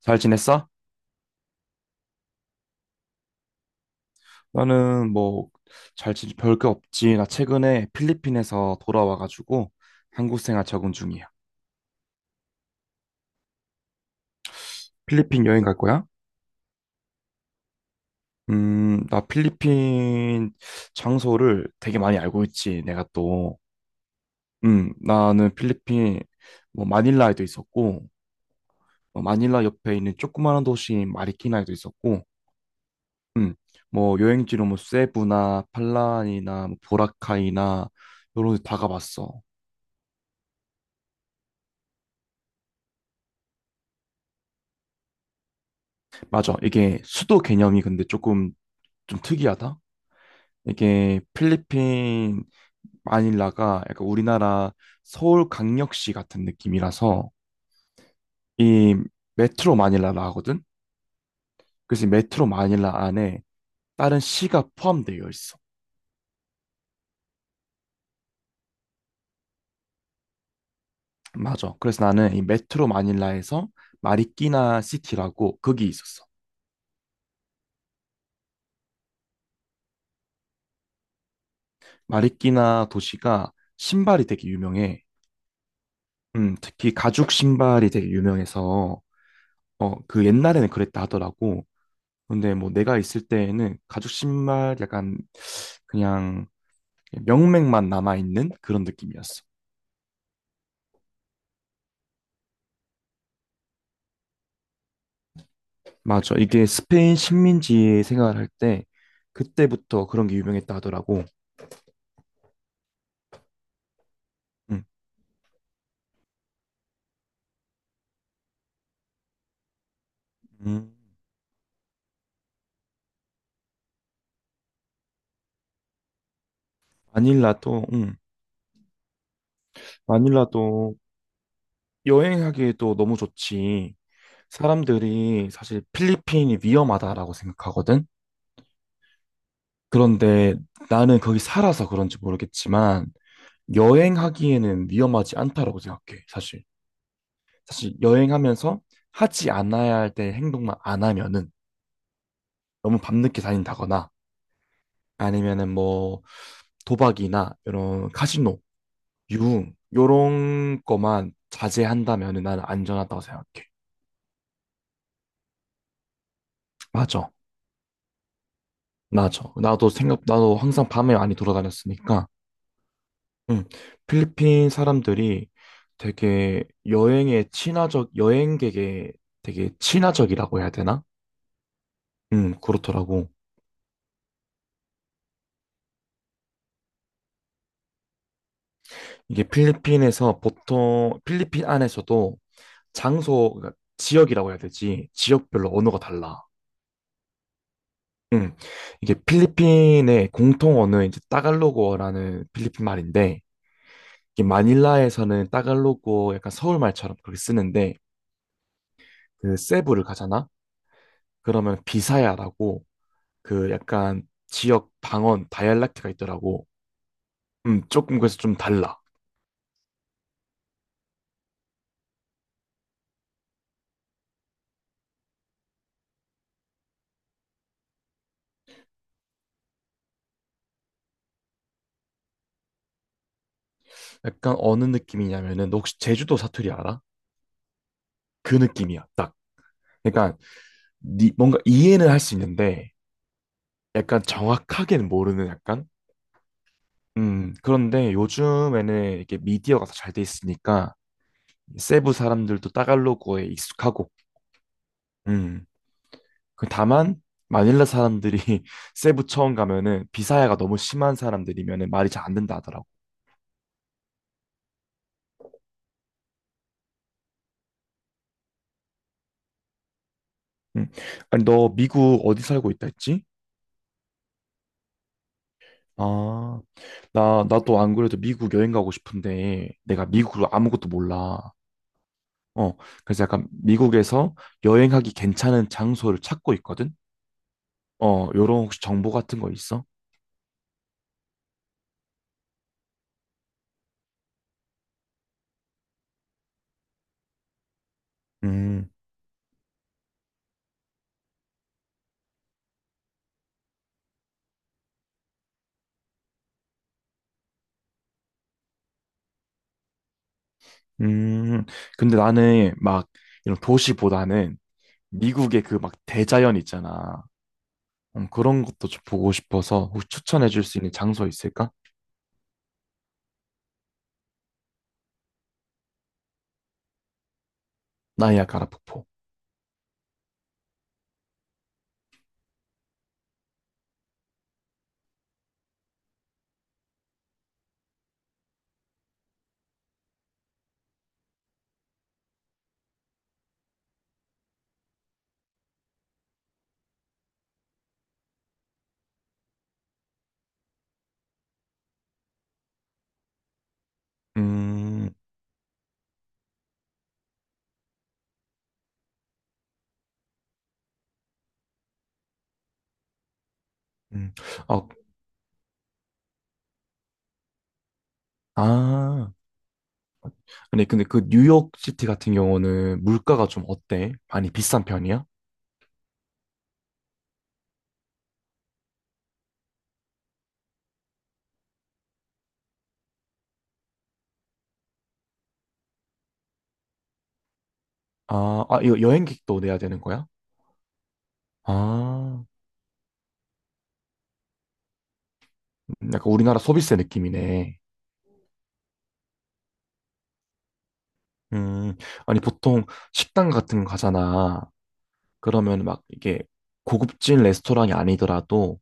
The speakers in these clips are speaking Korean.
잘 지냈어? 나는 뭐 잘 지내 별게 없지. 나 최근에 필리핀에서 돌아와가지고 한국 생활 적응 중이야. 필리핀 여행 갈 거야? 나 필리핀 장소를 되게 많이 알고 있지. 내가 또, 나는 필리핀 뭐 마닐라에도 있었고, 마닐라 옆에 있는 조그마한 도시인 마리키나에도 있었고, 음, 뭐 여행지로 뭐 세부나 팔란이나 뭐 보라카이나 이런 데 다 가봤어. 맞아. 이게 수도 개념이 근데 조금 좀 특이하다. 이게 필리핀 마닐라가 약간 우리나라 서울 강력시 같은 느낌이라서 이 메트로 마닐라라 하거든. 그래서 이 메트로 마닐라 안에 다른 시가 포함되어 있어. 맞아. 그래서 나는 이 메트로 마닐라에서 마리끼나 시티라고 거기 있었어. 마리끼나 도시가 신발이 되게 유명해. 특히 가죽 신발이 되게 유명해서 그 옛날에는 그랬다 하더라고. 근데 뭐 내가 있을 때에는 가죽 신발 약간 그냥 명맥만 남아있는 그런 느낌이었어. 맞아. 이게 스페인 식민지 생활할 때 그때부터 그런 게 유명했다 하더라고. 응. 음. 마닐라도, 응. 마닐라도 여행하기에도 너무 좋지. 사람들이 사실 필리핀이 위험하다라고 생각하거든. 그런데 나는 거기 살아서 그런지 모르겠지만 여행하기에는 위험하지 않다라고 생각해, 사실. 사실 여행하면서 하지 않아야 할 때 행동만 안 하면은 너무 밤늦게 다닌다거나 아니면은 뭐 도박이나 이런 카지노, 유흥 요런 거만 자제한다면은 나는 안전하다고 생각해. 맞아. 맞아. 나도 생각 나도 항상 밤에 많이 돌아다녔으니까. 응. 필리핀 사람들이 되게 여행에 친화적 여행객에 되게 친화적이라고 해야 되나? 응, 그렇더라고. 이게 필리핀에서 보통 필리핀 안에서도 장소 그러니까 지역이라고 해야 되지 지역별로 언어가 달라. 음, 이게 필리핀의 공통 언어는 이제 따갈로그어라는 필리핀 말인데 이게 마닐라에서는 따갈로그어 약간 서울 말처럼 그렇게 쓰는데 그 세부를 가잖아. 그러면 비사야라고 그 약간 지역 방언 다이알렉트가 있더라고. 조금 그래서 좀 달라. 약간 어느 느낌이냐면은 너 혹시 제주도 사투리 알아? 그 느낌이야, 딱. 그러니까 뭔가 이해는 할 수 있는데 약간 정확하게는 모르는 약간 그런데 요즘에는 이렇게 미디어가 더 잘 돼 있으니까 세부 사람들도 따갈로그에 익숙하고 음그 다만 마닐라 사람들이 세부 처음 가면은 비사야가 너무 심한 사람들이면은 말이 잘 안 된다 하더라고. 음 아니, 너 미국 어디 살고 있다 했지? 아, 나도 안 그래도 미국 여행 가고 싶은데 내가 미국으로 아무것도 몰라. 어, 그래서 약간 미국에서 여행하기 괜찮은 장소를 찾고 있거든? 요런 혹시 정보 같은 거 있어? 음. 음. 근데 나는 막 이런 도시보다는 미국의 그 막 대자연 있잖아. 그런 것도 좀 보고 싶어서 혹시 추천해 줄 수 있는 장소 있을까? 나이아가라 폭포. 음. 음. 어. 아. 근데 그 뉴욕 시티 같은 경우는 물가가 좀 어때? 많이 비싼 편이야? 아, 아, 이거 여행객도 내야 되는 거야? 아. 약간 우리나라 소비세 느낌이네. 음. 아니, 보통 식당 같은 거 가잖아. 그러면 막 이게 고급진 레스토랑이 아니더라도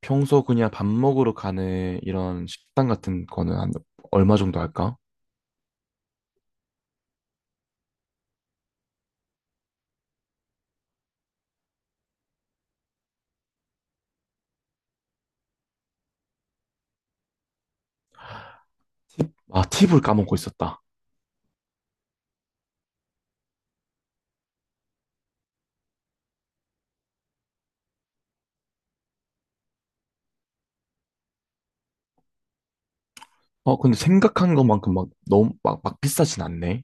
평소 그냥 밥 먹으러 가는 이런 식당 같은 거는 한 얼마 정도 할까? 팁? 아, 팁을 까먹고 있었다. 어, 근데 생각한 것만큼 막 너무 막 비싸진 않네.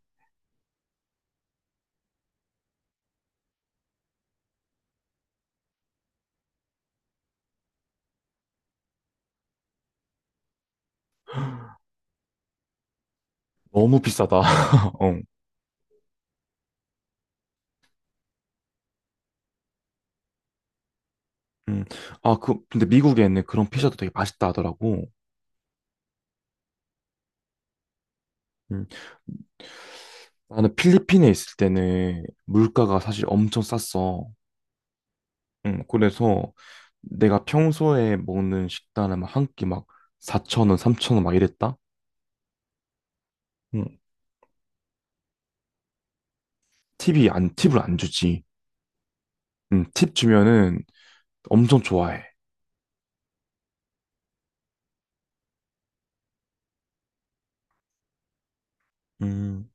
너무 비싸다. 어. 음. 아, 근데 미국에는 그런 피자도 되게 맛있다 하더라고. 음. 나는 필리핀에 있을 때는 물가가 사실 엄청 쌌어. 그래서 내가 평소에 먹는 식단은 막 한 끼 막 4,000원, 3천 원 막 이랬다? 음. 팁이 안, 팁을 안 주지. 팁 주면은 엄청 좋아해. 음.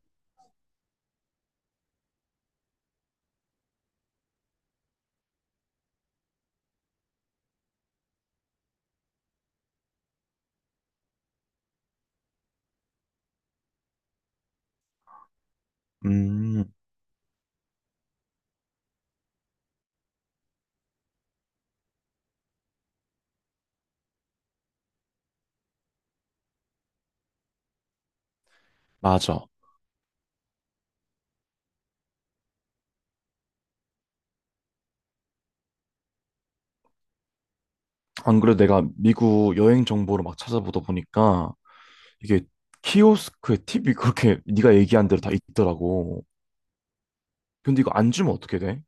음. 맞아. 안 그래도 내가 미국 여행 정보를 막 찾아보다 보니까 이게 키오스크에 팁이 그렇게 네가 얘기한 대로 다 있더라고. 근데 이거 안 주면 어떻게 돼?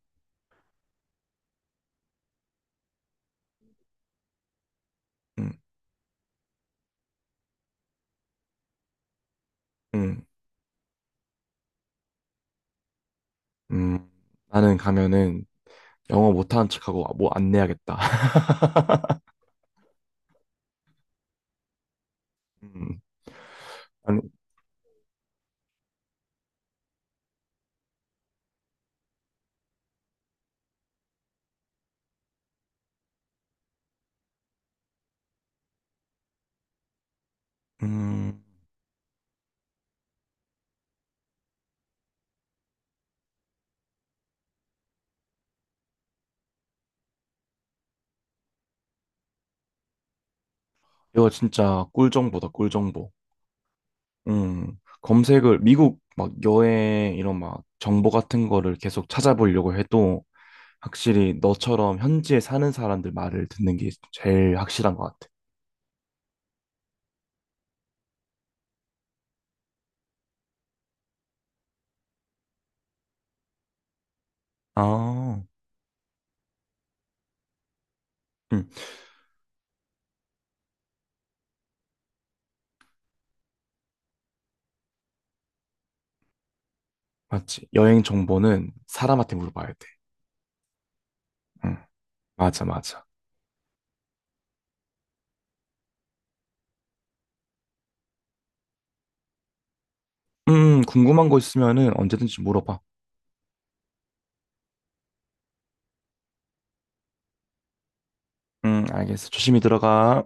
응. 응. 음. 나는 가면은 영어 못하는 척하고 뭐 안 내야겠다. 음. 아니. 음. 이거 진짜 꿀정보다 꿀정보. 검색을 미국 막 여행 이런 막 정보 같은 거를 계속 찾아보려고 해도 확실히 너처럼 현지에 사는 사람들 말을 듣는 게 제일 확실한 것 같아. 아. 음. 맞지. 여행 정보는 사람한테 물어봐야 돼. 음. 맞아, 맞아. 궁금한 거 있으면은 언제든지 물어봐. 알겠어. 조심히 들어가.